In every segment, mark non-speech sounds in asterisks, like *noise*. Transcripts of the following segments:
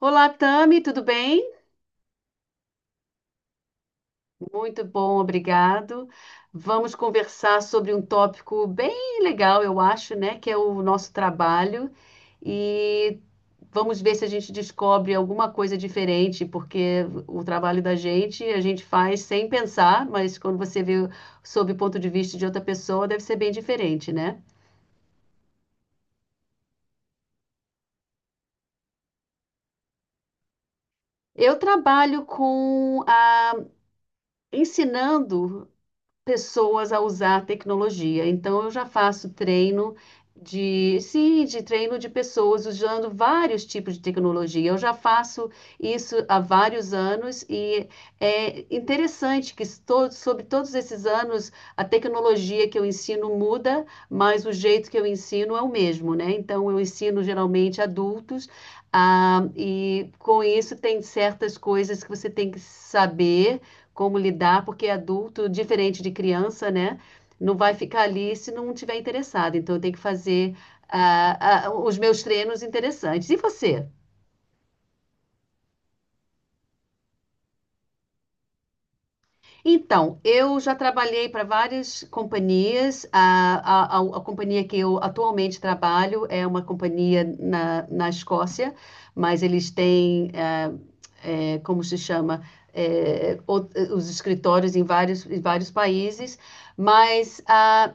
Olá, Tami, tudo bem? Muito bom, obrigado. Vamos conversar sobre um tópico bem legal, eu acho, né? Que é o nosso trabalho. E vamos ver se a gente descobre alguma coisa diferente, porque o trabalho da gente a gente faz sem pensar, mas quando você vê sob o ponto de vista de outra pessoa, deve ser bem diferente, né? Eu trabalho com a, ensinando pessoas a usar a tecnologia. Então, eu já faço treino de, sim, de treino de pessoas usando vários tipos de tecnologia. Eu já faço isso há vários anos e é interessante que todo, sobre todos esses anos a tecnologia que eu ensino muda, mas o jeito que eu ensino é o mesmo, né? Então, eu ensino geralmente adultos, e com isso tem certas coisas que você tem que saber como lidar, porque adulto, diferente de criança, né? Não vai ficar ali se não tiver interessado. Então, eu tenho que fazer os meus treinos interessantes. E você? Então, eu já trabalhei para várias companhias. A companhia que eu atualmente trabalho é uma companhia na, na Escócia, mas eles têm, como se chama, os escritórios em vários países. Mas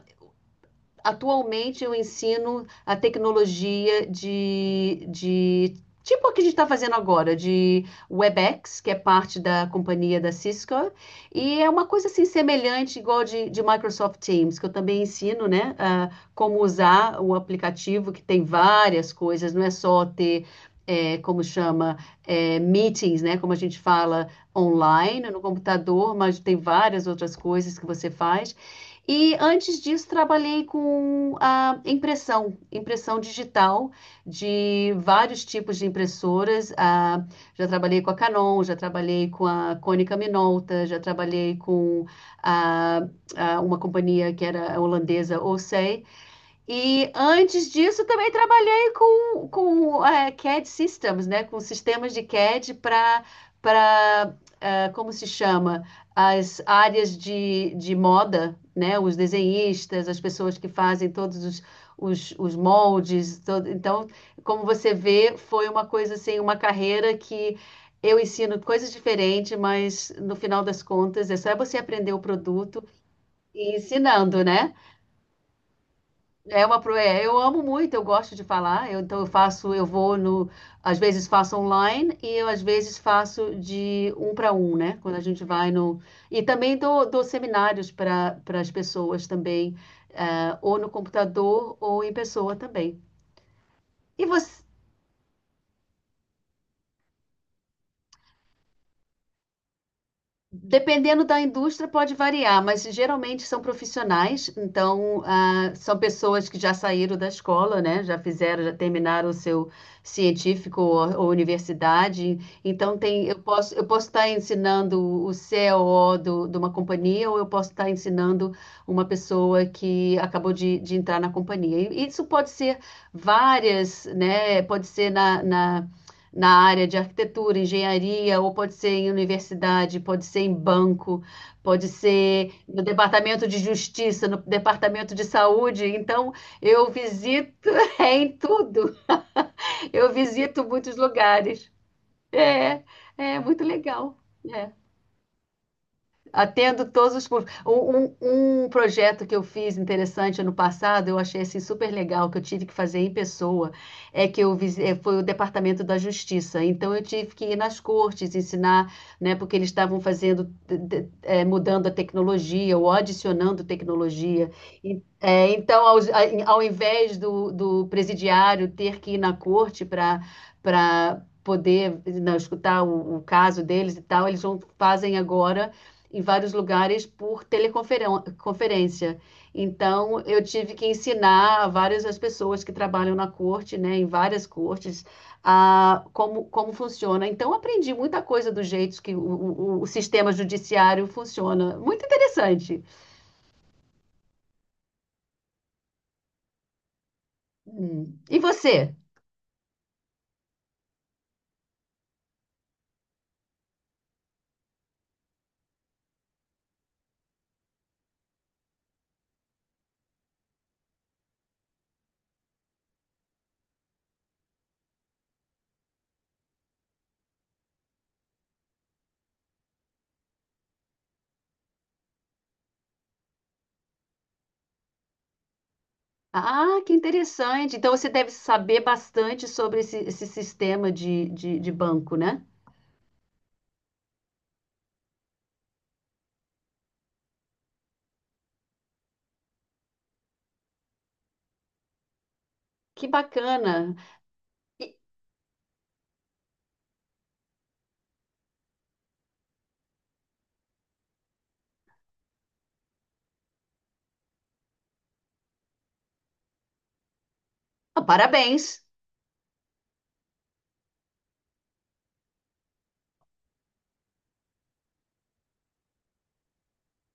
atualmente eu ensino a tecnologia de tipo o que a gente está fazendo agora, de WebEx, que é parte da companhia da Cisco, e é uma coisa assim semelhante, igual de Microsoft Teams, que eu também ensino, né, a como usar o aplicativo, que tem várias coisas, não é só ter é, como chama, é, meetings, né? Como a gente fala online no computador, mas tem várias outras coisas que você faz. E antes disso, trabalhei com a impressão, impressão digital de vários tipos de impressoras. Já trabalhei com a Canon, já trabalhei com a Konica Minolta, já trabalhei com a- a uma companhia que era holandesa, Olsay. E antes disso também trabalhei com é, CAD Systems, né? Com sistemas de CAD para para como se chama? As áreas de moda, né? Os desenhistas, as pessoas que fazem todos os moldes. Todo... Então, como você vê, foi uma coisa assim, uma carreira que eu ensino coisas diferentes, mas no final das contas é só você aprender o produto e ensinando, né? É uma pro... é, eu amo muito, eu gosto de falar. Então eu faço, eu vou no, às vezes faço online e eu às vezes faço de um para um, né? Quando a gente vai no e também dou, dou seminários para para as pessoas também, ou no computador ou em pessoa também. E você? Dependendo da indústria, pode variar, mas geralmente são profissionais, então são pessoas que já saíram da escola, né? Já fizeram, já terminaram o seu científico ou universidade. Então tem, eu posso estar ensinando o CEO do, de uma companhia, ou eu posso estar ensinando uma pessoa que acabou de entrar na companhia. E isso pode ser várias, né? Pode ser na na área de arquitetura, engenharia, ou pode ser em universidade, pode ser em banco, pode ser no departamento de justiça, no departamento de saúde. Então, eu visito *laughs* é, em tudo. Eu visito muitos lugares. É, é muito legal. É. Atendo todos os públicos. Um projeto que eu fiz interessante ano passado, eu achei assim, super legal, que eu tive que fazer em pessoa, é que eu foi o Departamento da Justiça. Então eu tive que ir nas cortes ensinar, né, porque eles estavam fazendo, mudando a tecnologia ou adicionando tecnologia. E, então, ao, invés do, do presidiário ter que ir na corte para para poder não, escutar o caso deles e tal, eles vão, fazem agora em vários lugares por teleconferência. Então, eu tive que ensinar a várias as pessoas que trabalham na corte, né, em várias cortes, a, como, como funciona. Então, aprendi muita coisa do jeito que o sistema judiciário funciona. Muito interessante. Hum. E você? Ah, que interessante. Então, você deve saber bastante sobre esse, esse sistema de banco, né? Que bacana. E, ah, parabéns.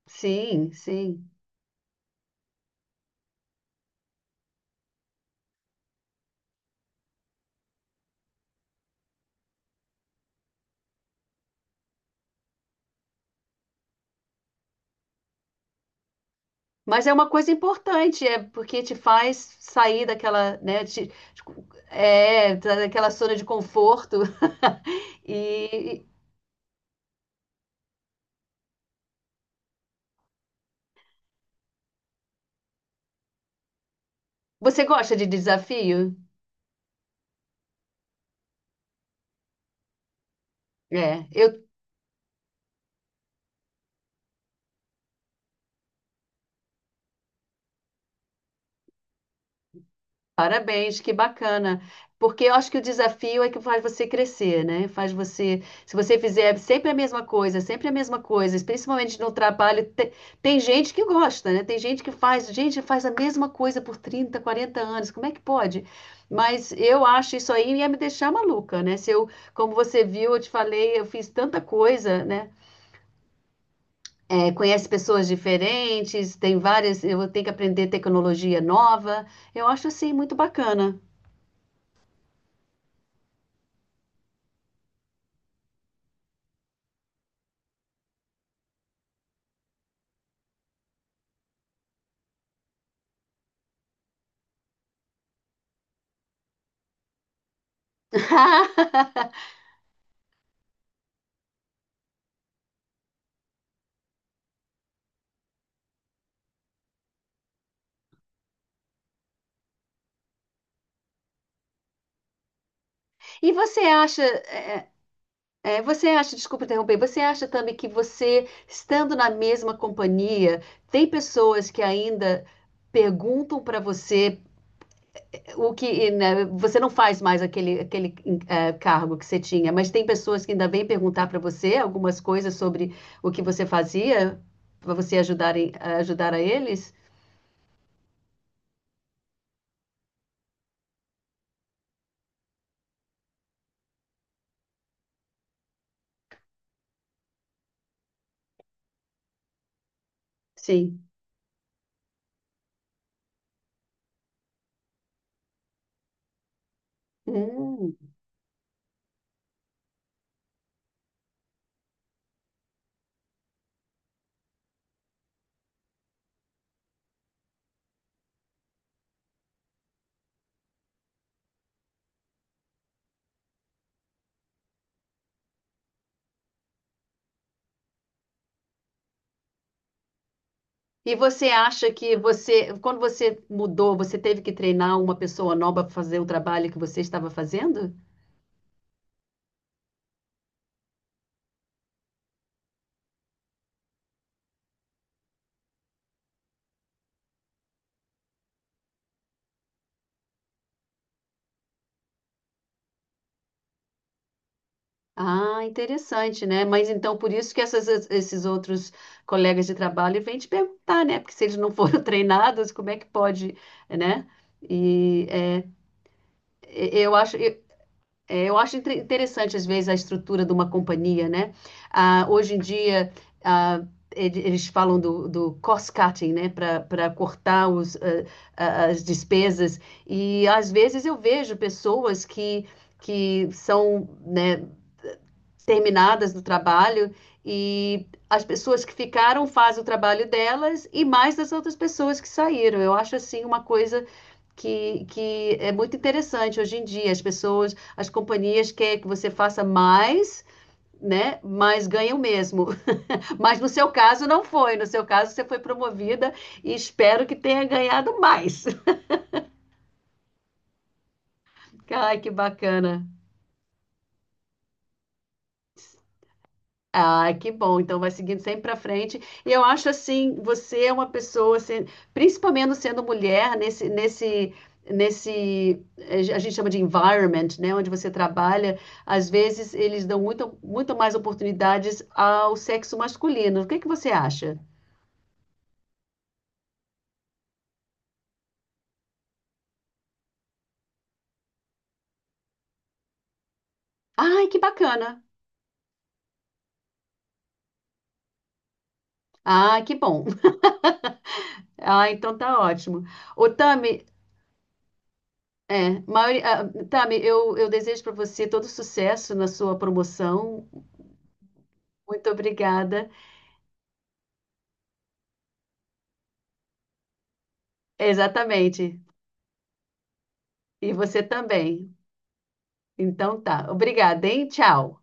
Sim, sim. Mas é uma coisa importante, é porque te faz sair daquela, né, é, daquela zona de conforto. *laughs* E você gosta de desafio? É, eu parabéns, que bacana. Porque eu acho que o desafio é que faz você crescer, né? Faz você, se você fizer sempre a mesma coisa, sempre a mesma coisa, principalmente no trabalho, te- tem, gente que gosta, né? Tem gente que faz, gente, faz a mesma coisa por 30, 40 anos. Como é que pode? Mas eu acho isso aí ia me deixar maluca, né? Se eu, como você viu, eu te falei, eu fiz tanta coisa, né? É, conhece pessoas diferentes, tem várias, eu tenho que aprender tecnologia nova. Eu acho assim muito bacana. *laughs* E você acha, é, você acha, desculpa interromper, você acha também que você, estando na mesma companhia, tem pessoas que ainda perguntam para você o que, né, você não faz mais aquele, aquele cargo que você tinha, mas tem pessoas que ainda vêm perguntar para você algumas coisas sobre o que você fazia para você ajudar, ajudar a eles? Sim. Hum. E você acha que você, quando você mudou, você teve que treinar uma pessoa nova para fazer o trabalho que você estava fazendo? Ah, interessante, né? Mas então por isso que esses outros colegas de trabalho vêm te perguntar, né? Porque se eles não foram *laughs* treinados, como é que pode, né? E é, eu acho. É, eu acho interessante, às vezes, a estrutura de uma companhia, né? Ah, hoje em dia, ah, eles falam do, do cost-cutting, né? Para cortar os, as despesas. E, às vezes, eu vejo pessoas que são, né, terminadas do trabalho e as pessoas que ficaram fazem o trabalho delas e mais das outras pessoas que saíram. Eu acho, assim, uma coisa que é muito interessante hoje em dia. As pessoas, as companhias querem que você faça mais, né? Mas ganham mesmo. *laughs* Mas no seu caso não foi. No seu caso você foi promovida e espero que tenha ganhado mais. *laughs* Ai, que bacana. Ah, que bom. Então vai seguindo sempre para frente. E eu acho assim, você é uma pessoa, assim, principalmente sendo mulher, nesse, nesse, nesse, a gente chama de environment, né, onde você trabalha, às vezes eles dão muito, muito mais oportunidades ao sexo masculino. O que que você acha? Ai, que bacana. Ah, que bom. *laughs* Ah, então tá ótimo. Ô, Tami, é, maioria, ah, Tami, eu desejo para você todo sucesso na sua promoção. Muito obrigada. Exatamente. E você também. Então tá. Obrigada, hein? Tchau.